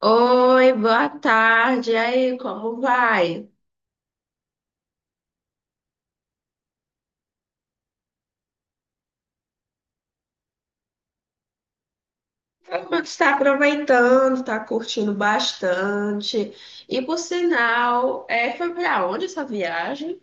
Oi, boa tarde. E aí, como vai? Como é que está aproveitando? Está curtindo bastante. E por sinal, foi para onde essa viagem?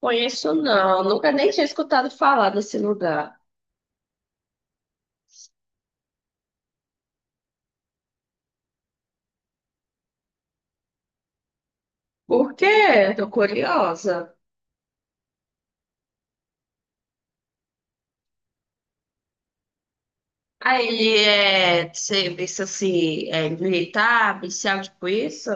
Conheço não, nunca nem tinha escutado falar desse lugar. Por quê? Tô curiosa. Aí ele é serviço assim, é militar, policial, tipo isso?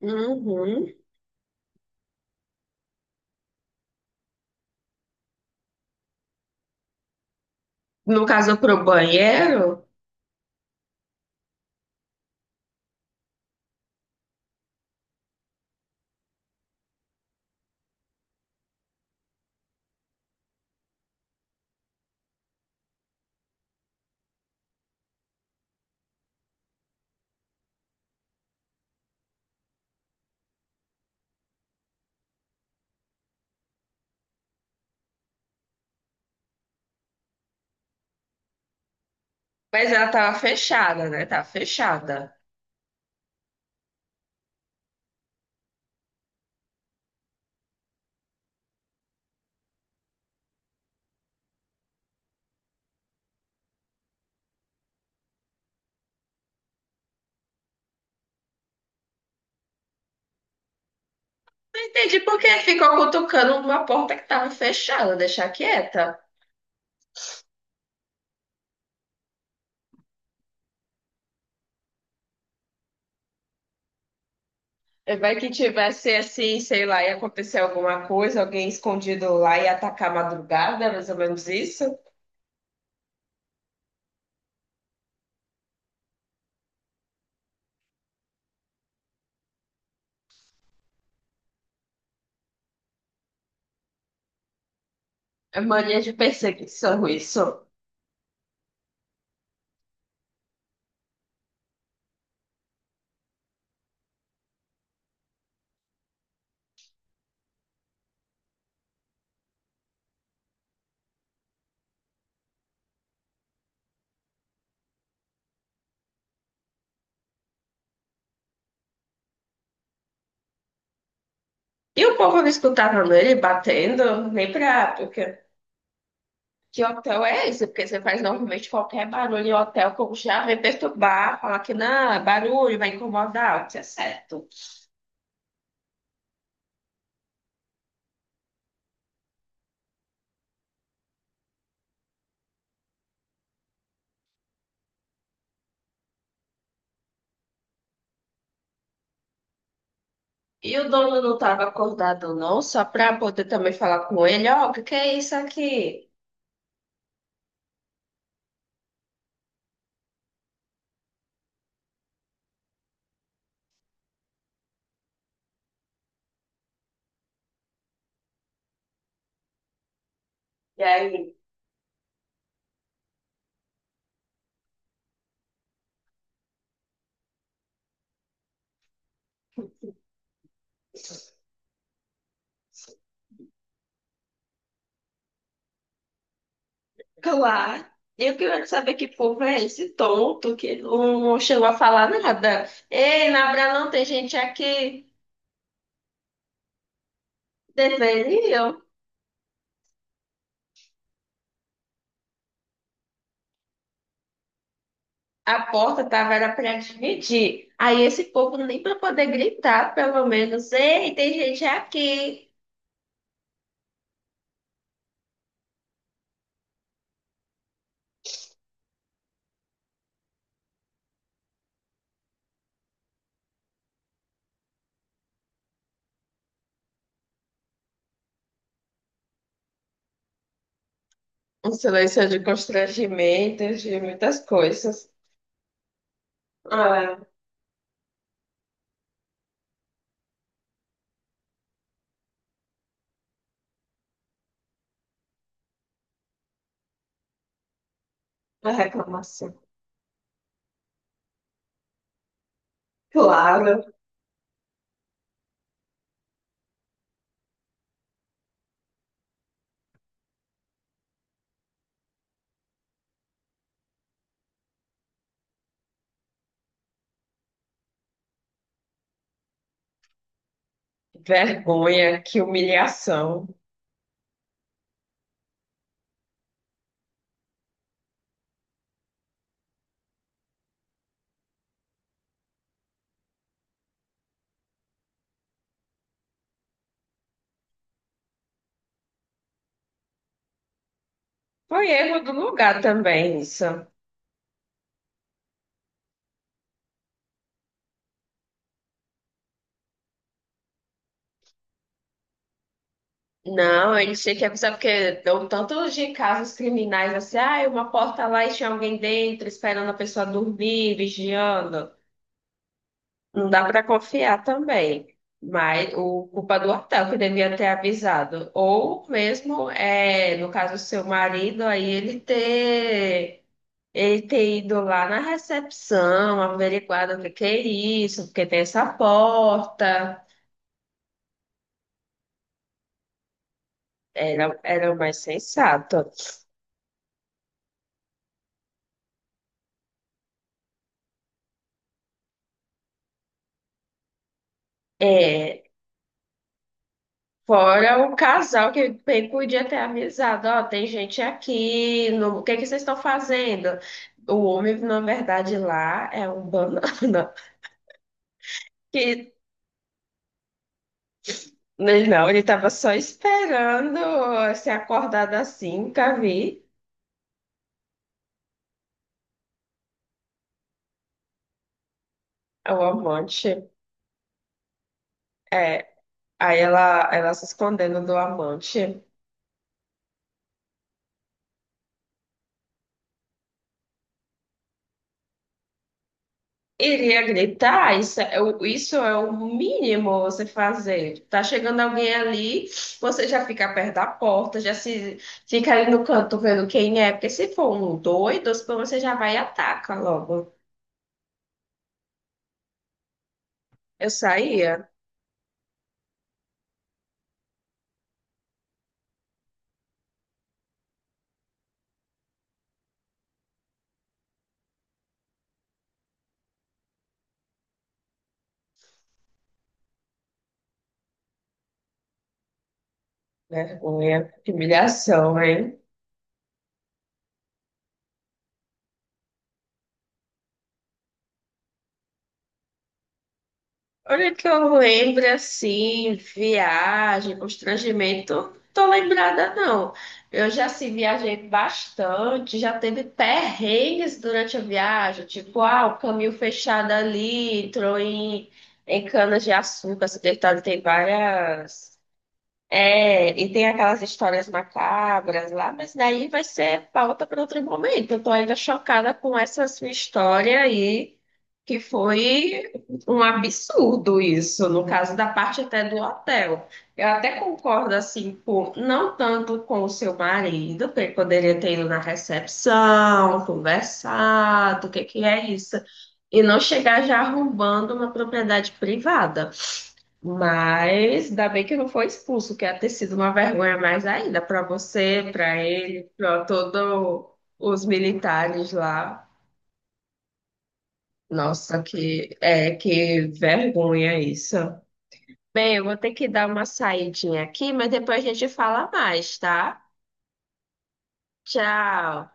Uhum. No caso, pro banheiro, mas ela tava fechada, né? Tava fechada. Entendi por que ficou cutucando uma porta que estava fechada, deixar quieta. Vai que tivesse assim, sei lá, ia acontecer alguma coisa, alguém escondido lá e atacar a madrugada, mais ou menos isso. É mania de perseguição isso. E o povo não escutava nele batendo, nem pra. Porque... Que hotel é esse? Porque você faz normalmente qualquer barulho em hotel, como já vem perturbar, falar que não, é barulho vai incomodar, o que é certo. E o dono não estava acordado, não, só para poder também falar com ele, ó, o que que é isso aqui? E aí, claro. Eu queria saber que povo é esse tonto que não chegou a falar nada. Ei, na Abra não tem gente aqui. Deveriam. A porta tava era para dividir. Aí esse povo nem para poder gritar, pelo menos. Ei, tem gente aqui. Um silêncio de constrangimento, de muitas coisas. Ah, uma reclamação. Claro, vergonha, que humilhação. Foi erro do lugar também, isso. Não, ele tinha que avisar, porque deu tantos de casos criminais assim, ah, uma porta lá e tinha alguém dentro, esperando a pessoa dormir, vigiando. Não dá para confiar também. Mas o culpa do hotel que devia ter avisado. Ou mesmo, é, no caso, seu marido, aí ele ter ele ter ido lá na recepção, averiguado o que que é isso, porque tem essa porta. Era, era o mais sensato. É, fora o casal que bem podia ter avisado, ó, tem gente aqui, no- o que que vocês estão fazendo? O homem, na verdade, lá é um banana. Que, ele não, ele estava só esperando ser acordado assim, nunca vi o amante. É, aí ela se escondendo do amante. Iria gritar, isso é o mínimo você fazer. Tá chegando alguém ali, você já fica perto da porta, já se fica ali no canto vendo quem é, porque se for um doido, você já vai e ataca logo. Eu saía, vergonha, que humilhação, hein? Olha que eu lembro assim, viagem, constrangimento, tô lembrada não. Eu já se viajei bastante, já teve perrengues durante a viagem, tipo, ah, o caminho fechado ali, em cana de açúcar, essa detalhe tem várias. É, e tem aquelas histórias macabras lá, mas daí vai ser pauta para outro momento. Eu tô ainda chocada com essa sua história aí, que foi um absurdo isso, no caso da parte até do hotel. Eu até concordo, assim, com, não tanto com o seu marido, que ele poderia ter ido na recepção, conversado, o que que é isso, e não chegar já arrombando uma propriedade privada. Mas ainda bem que não foi expulso, que ia ter sido uma vergonha mais ainda para você, para ele, para todos os militares lá. Nossa, que é que vergonha isso. Bem, eu vou ter que dar uma saidinha aqui, mas depois a gente fala mais, tá? Tchau.